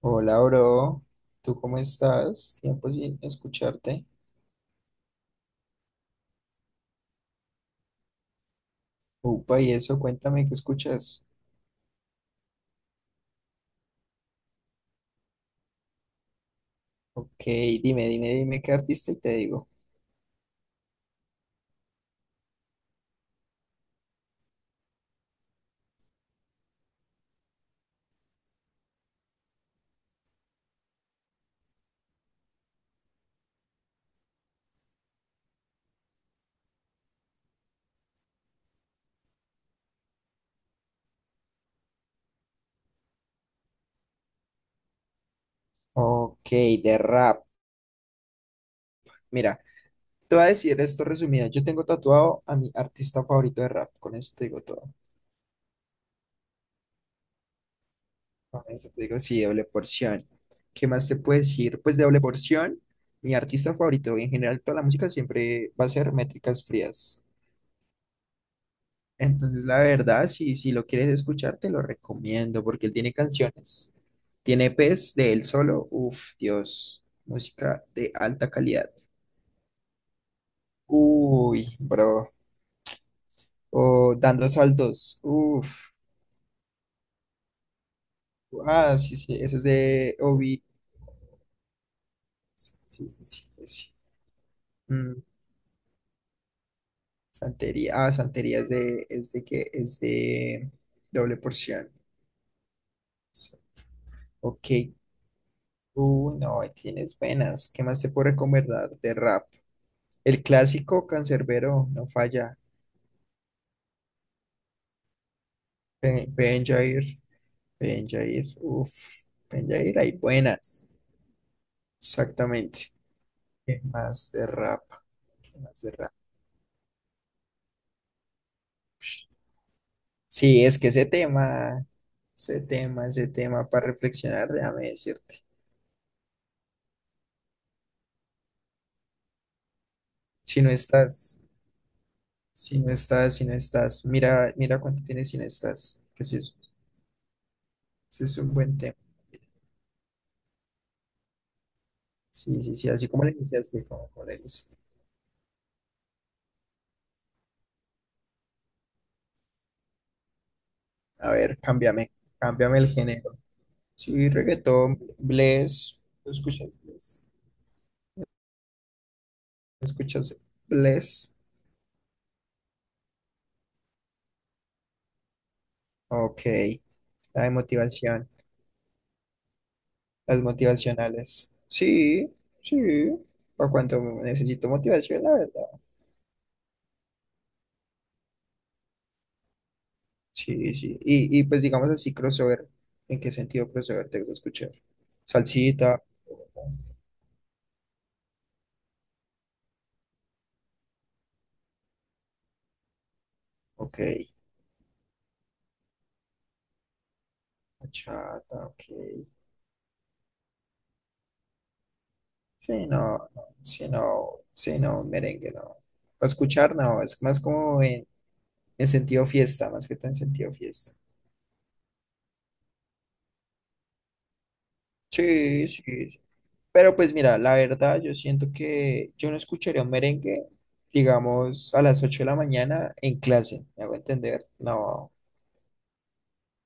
Hola, bro. ¿Tú cómo estás? Tiempo sin escucharte. Upa, y eso, cuéntame qué escuchas. Ok, dime, dime, dime qué artista y te digo. Ok, de rap. Mira, te voy a decir esto resumido. Yo tengo tatuado a mi artista favorito de rap. Con eso te digo todo. Con eso te digo, sí, doble porción. ¿Qué más te puedo decir? Pues de doble porción, mi artista favorito y en general toda la música siempre va a ser Métricas Frías. Entonces, la verdad, si lo quieres escuchar, te lo recomiendo porque él tiene canciones. Tiene E pes de él solo. Uf, Dios. Música de alta calidad. Uy, bro. O dando saltos. Uf. Ah, sí, sí. Ese es de Obi. Sí, sí, sí. Sí, ese. Mm, Santería. Ah, Santería es de doble porción. Sí. Ok. No, ahí tienes buenas. ¿Qué más te puedo recomendar de rap? El clásico cancerbero no falla. Ben Jair, Ben Jair, uff, Ben Jair, hay buenas. Exactamente. ¿Qué más de rap? ¿Qué más de rap? Sí, es que ese tema para reflexionar, déjame decirte. Si no estás, si no estás, si no estás, mira cuánto tienes si no estás, que sí es un buen tema. Sí, sí, sí, así como le iniciaste, como le inicié. A ver, cámbiame el género. Sí, reggaetón, Bless. ¿Tú escuchas Bless? ¿Escuchas Bless? Ok, la de motivación, las motivacionales. Sí, sí, por cuanto necesito motivación, la verdad. Sí, sí. Y pues digamos así, crossover. ¿En qué sentido crossover te gusta escuchar? Salsita, ok. Bachata, ok. Sí, no, no, sí, no, sí, no, merengue, no. Para escuchar, no, es más como en, sentido fiesta, más que todo en sentido fiesta. Sí, sí, sí. Pero pues mira, la verdad, yo siento que yo no escucharía un merengue, digamos, a las 8 de la mañana en clase, ¿me hago entender? No,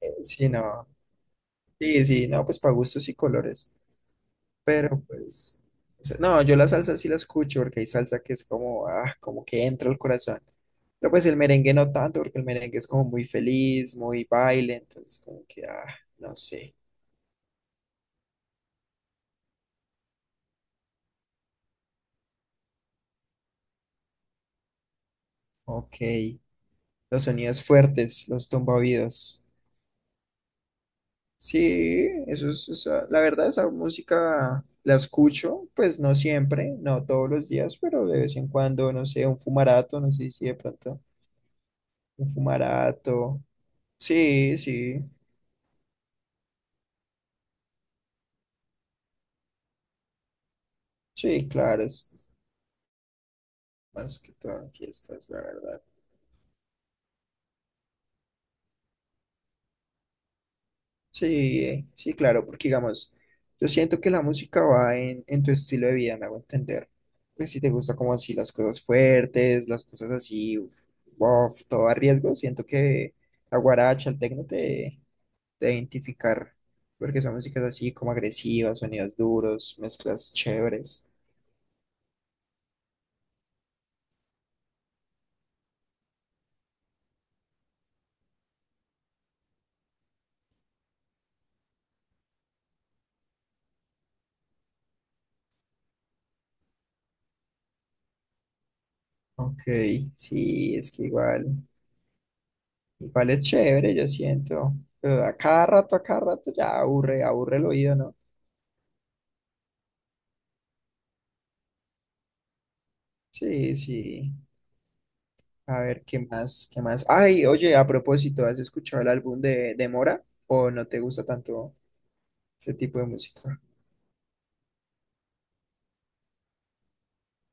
sí, no. Sí, sí, no, pues para gustos y colores. Pero pues, o sea, no, yo la salsa sí la escucho porque hay salsa que es como, ah, como que entra al corazón. Pero pues el merengue no tanto, porque el merengue es como muy feliz, muy baile, entonces como que, ah, no sé. Ok, los sonidos fuertes, los tumbaoídos. Sí, eso es, la verdad, esa música la escucho, pues no siempre, no todos los días, pero de vez en cuando, no sé, un fumarato, no sé si de pronto, un fumarato. Sí, sí, sí, claro, es más que todo en fiestas, la verdad. Sí, sí, claro, porque digamos, yo siento que la música va en, tu estilo de vida, me hago entender. Pues si te gusta como así las cosas fuertes, las cosas así, uf, bof, todo a riesgo, siento que la guaracha, el tecno te identificar, porque son músicas así como agresivas, sonidos duros, mezclas chéveres. Ok, sí, es que igual es chévere, yo siento, pero a cada rato ya aburre, aburre el oído, ¿no? Sí, sí. A ver, ¿qué más? ¿Qué más? Ay, oye, a propósito, ¿has escuchado el álbum de Mora? ¿O no te gusta tanto ese tipo de música?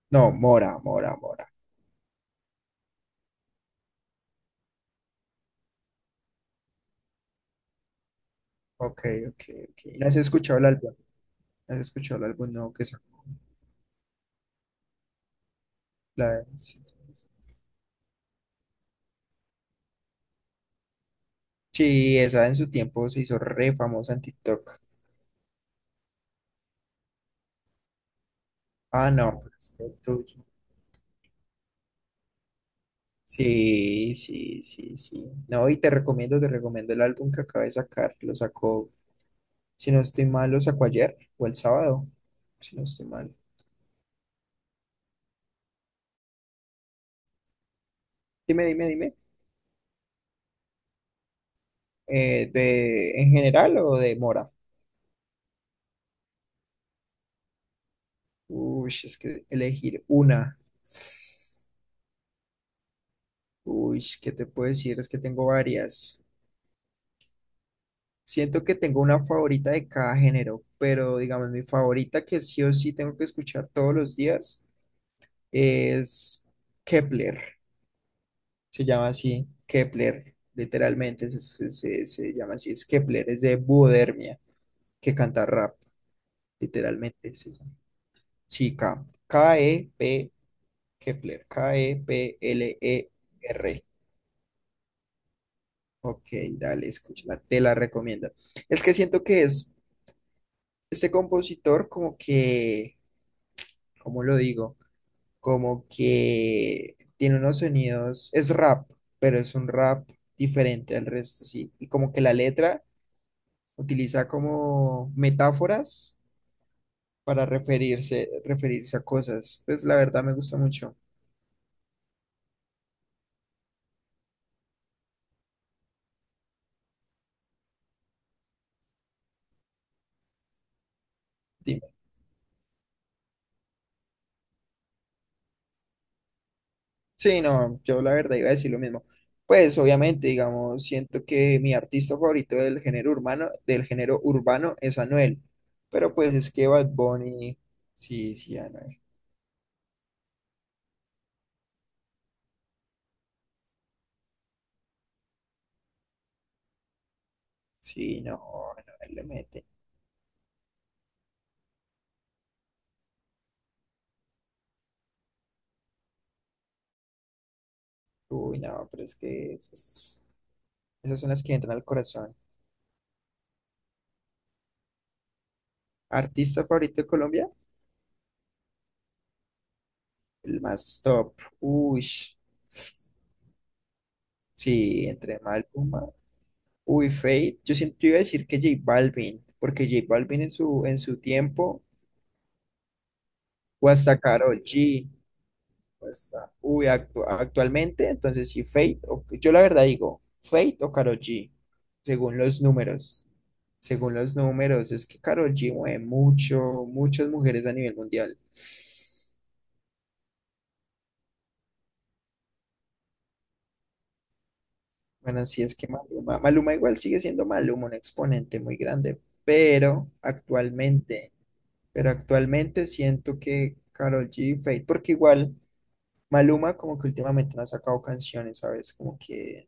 No, Mora, Mora, Mora. Ok, ok, ok. ¿No has escuchado el álbum? ¿No ¿Has escuchado el álbum nuevo que sacó? Sí, sí, sí. Sí, esa en su tiempo se hizo re famosa en TikTok. Ah, no, pues, lo tuyo. Sí, sí, sí, sí. No, y te recomiendo el álbum que acaba de sacar. Lo sacó, si no estoy mal, lo sacó ayer o el sábado, si no estoy mal. Dime, dime, dime. ¿En general o de Mora? Uy, es que elegir una. Uy, ¿qué te puedo decir? Es que tengo varias. Siento que tengo una favorita de cada género, pero digamos, mi favorita que sí o sí tengo que escuchar todos los días es Kepler. Se llama así, Kepler, literalmente se llama así, es Kepler, es de Buodermia, que canta rap, literalmente se llama. Sí, K, e p Kepler, Kepler. Ok, dale, escúchala, te la recomiendo. Es que siento que es este compositor como que, ¿cómo lo digo? Como que tiene unos sonidos, es rap, pero es un rap diferente al resto, sí. Y como que la letra utiliza como metáforas para referirse a cosas. Pues la verdad me gusta mucho. Sí, no, yo la verdad iba a decir lo mismo. Pues obviamente, digamos, siento que mi artista favorito del género urbano es Anuel. Pero pues es que Bad Bunny, sí, sí, Anuel. Sí, no, Anuel le mete. Uy, no, pero es que esas son las que entran al corazón. ¿Artista favorito de Colombia? El más top. Uy. Sí, entre Maluma, uy, Fate. Yo siento, yo iba a decir que J Balvin, porque J Balvin en su tiempo o hasta Karol G, o hasta, uy, actualmente, entonces sí, Fate, yo la verdad digo, Fate o Karol G, según los números, según los números, es que Karol G mueve mucho, muchas mujeres a nivel mundial. Bueno, sí es que Maluma igual sigue siendo Maluma, un exponente muy grande, pero actualmente siento que Karol G y Fate, porque igual Maluma como que últimamente no ha sacado canciones, ¿sabes? Como que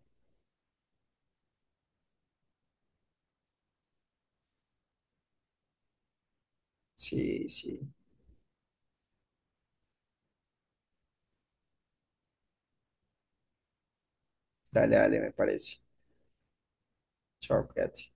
sí, sí. Dale, dale, me parece. Chao, cuídate.